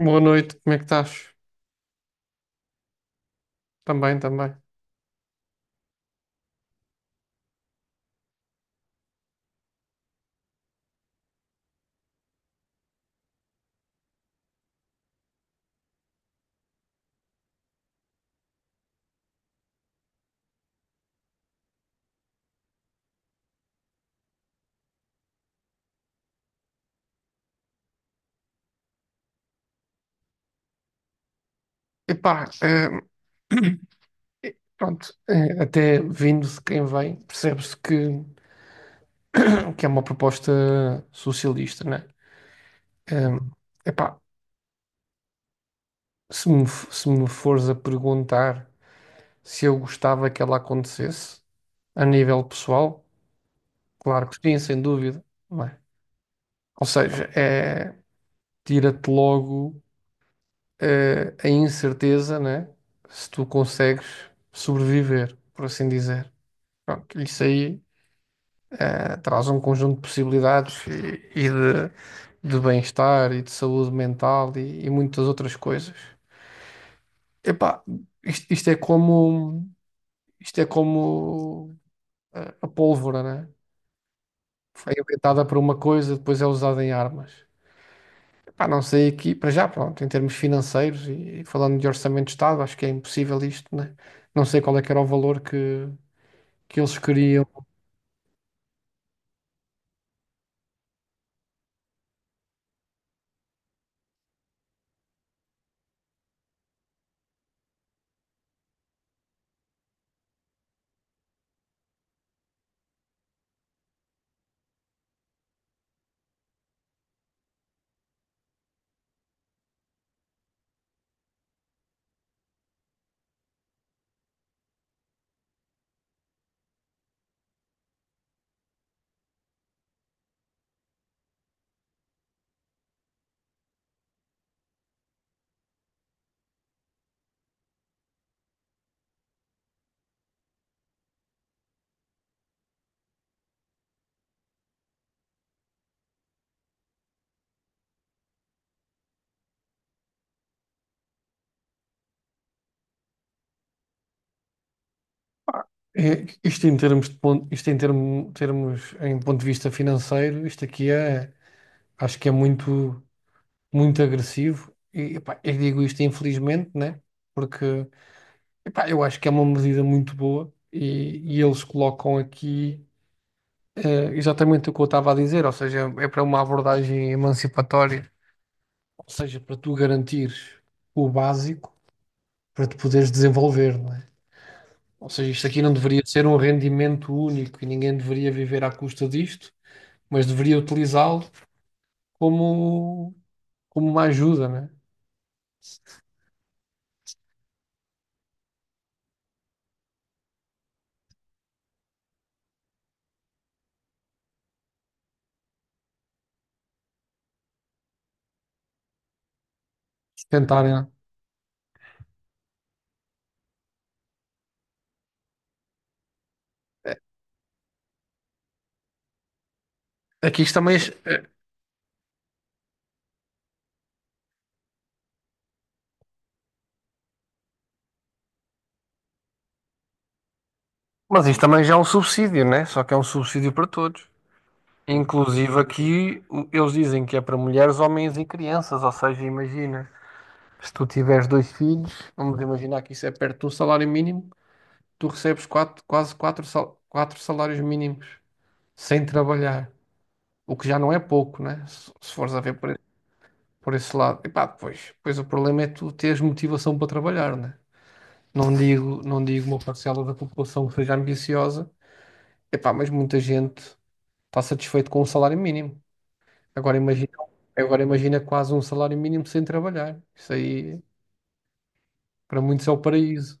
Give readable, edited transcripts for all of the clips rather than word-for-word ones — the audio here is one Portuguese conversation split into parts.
Boa noite, como é que estás? Também, também. Epá, pronto, até vindo de quem vem, percebe-se que é uma proposta socialista, né? Eh, Epá, se me fores a perguntar se eu gostava que ela acontecesse a nível pessoal, claro que sim, sem dúvida, não é? Ou seja, é, tira-te logo, a incerteza, né? Se tu consegues sobreviver, por assim dizer. Pronto, isso aí traz um conjunto de possibilidades de bem-estar e de saúde mental e muitas outras coisas. Epá, isto é como, a pólvora, né? Foi inventada para uma coisa, depois é usada em armas. Epá, não sei aqui, para já, pronto, em termos financeiros e falando de orçamento de Estado, acho que é impossível isto, né? Não sei qual é que era o valor que eles queriam. É, isto em termos de ponto, isto em termos em ponto de vista financeiro, isto aqui é, acho que é muito, muito agressivo e epá, eu digo isto infelizmente, né? Porque epá, eu acho que é uma medida muito boa e eles colocam aqui exatamente o que eu estava a dizer, ou seja, é para uma abordagem emancipatória, ou seja, para tu garantires o básico para te poderes desenvolver, não é? Ou seja, isto aqui não deveria ser um rendimento único e ninguém deveria viver à custa disto, mas deveria utilizá-lo como, como uma ajuda, né? Sustentarem, né? Aqui isto também, é, é, mas isto também já é um subsídio, né? Só que é um subsídio para todos. Inclusive aqui eles dizem que é para mulheres, homens e crianças. Ou seja, imagina, se tu tiveres dois filhos, vamos imaginar que isso é perto de um salário mínimo, tu recebes quatro, quase quatro, quatro salários mínimos sem trabalhar, o que já não é pouco, né? Se fores a ver por esse lado. E pá, pois, pois o problema é tu teres motivação para trabalhar, né? Não digo, não digo uma parcela da população que seja ambiciosa, e pá, mas muita gente está satisfeito com o salário mínimo. Agora imagina, agora imagina quase um salário mínimo sem trabalhar. Isso aí, para muitos, é o paraíso.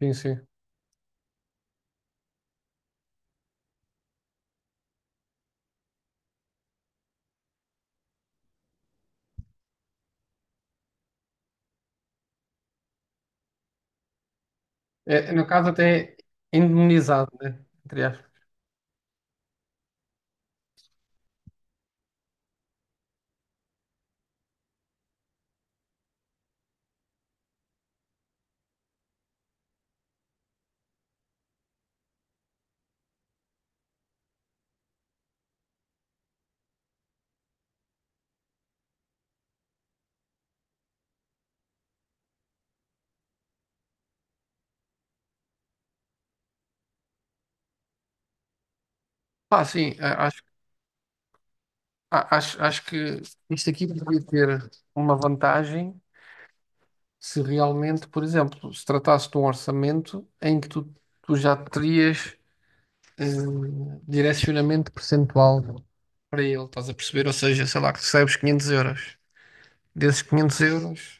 Sim, sim. É, no caso, até indemnizado, né? Entre aspas. Pá, sim, acho que isto aqui poderia ter uma vantagem se realmente, por exemplo, se tratasse de um orçamento em que tu já terias eh, direcionamento percentual para ele, estás a perceber? Ou seja, sei lá, que recebes 500 euros. Desses 500 euros,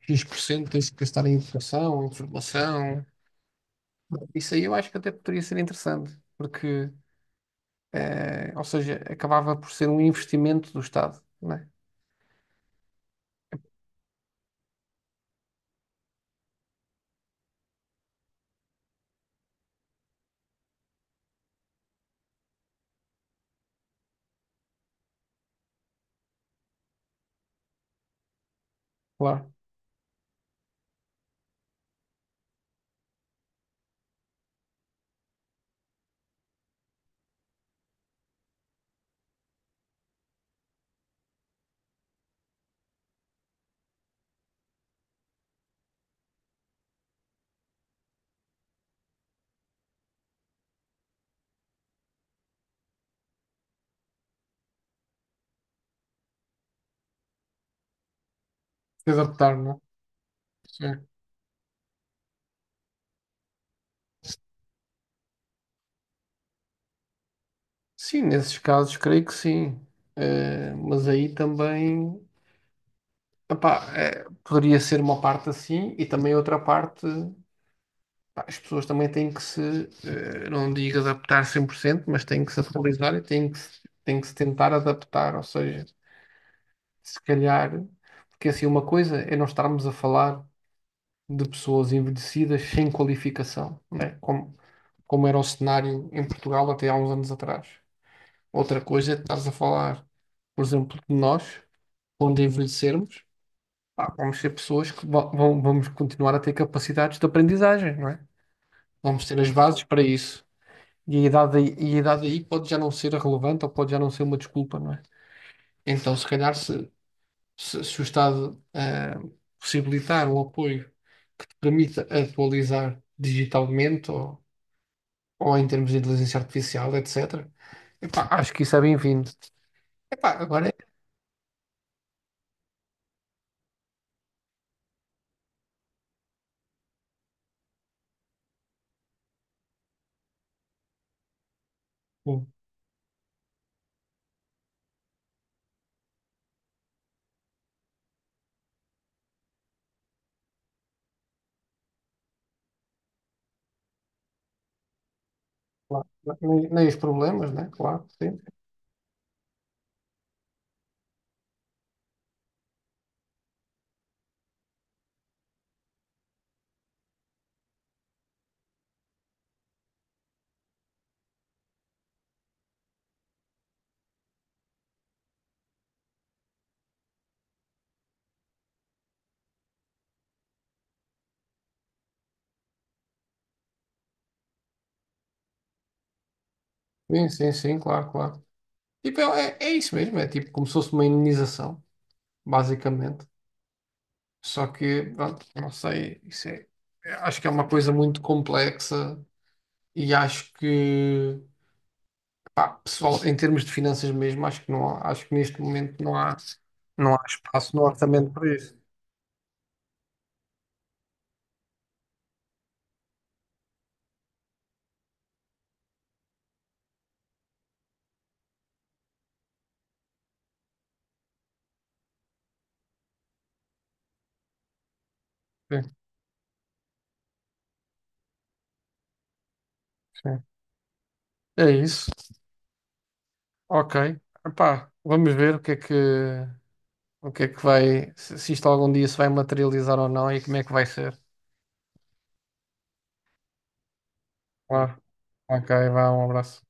X% tens que gastar em educação, em formação. Isso aí eu acho que até poderia ser interessante, porque, ou seja, acabava por ser um investimento do Estado, não é? Claro. Se adaptar, não é? Sim. Sim, nesses casos creio que sim. Mas aí também. Epá, é, poderia ser uma parte assim e também outra parte, pá, as pessoas também têm que se, não digo adaptar 100%, mas têm que se atualizar e têm que se tentar adaptar, ou seja, se calhar, porque assim uma coisa é não estarmos a falar de pessoas envelhecidas sem qualificação, né? Como era o cenário em Portugal até há uns anos atrás. Outra coisa é estar a falar, por exemplo, de nós, quando envelhecermos, pá, vamos ser pessoas que vão, vamos continuar a ter capacidades de aprendizagem, não é? Vamos ter as bases para isso. E a idade aí pode já não ser relevante ou pode já não ser uma desculpa, não é? Então, se calhar, se o Estado possibilitar um apoio que te permita atualizar digitalmente ou em termos de inteligência artificial, etc., epá, acho que isso é bem-vindo. Epá, agora é. Sim, claro. Nem, nem os problemas, né? Claro, sim. Sim, sim, sim, claro, claro. Tipo, é isso mesmo, é tipo como se fosse uma imunização, basicamente. Só que, pronto, não sei, isso é, acho que é uma coisa muito complexa e acho que, pá, pessoal, em termos de finanças mesmo, acho que não há, acho que neste momento não há, não há espaço no orçamento para isso. Sim, sim. É isso. Ok. Epá, vamos ver o que é que, o que é que vai, se isto algum dia se vai materializar ou não e como é que vai ser. Claro. Ok, vá, um abraço.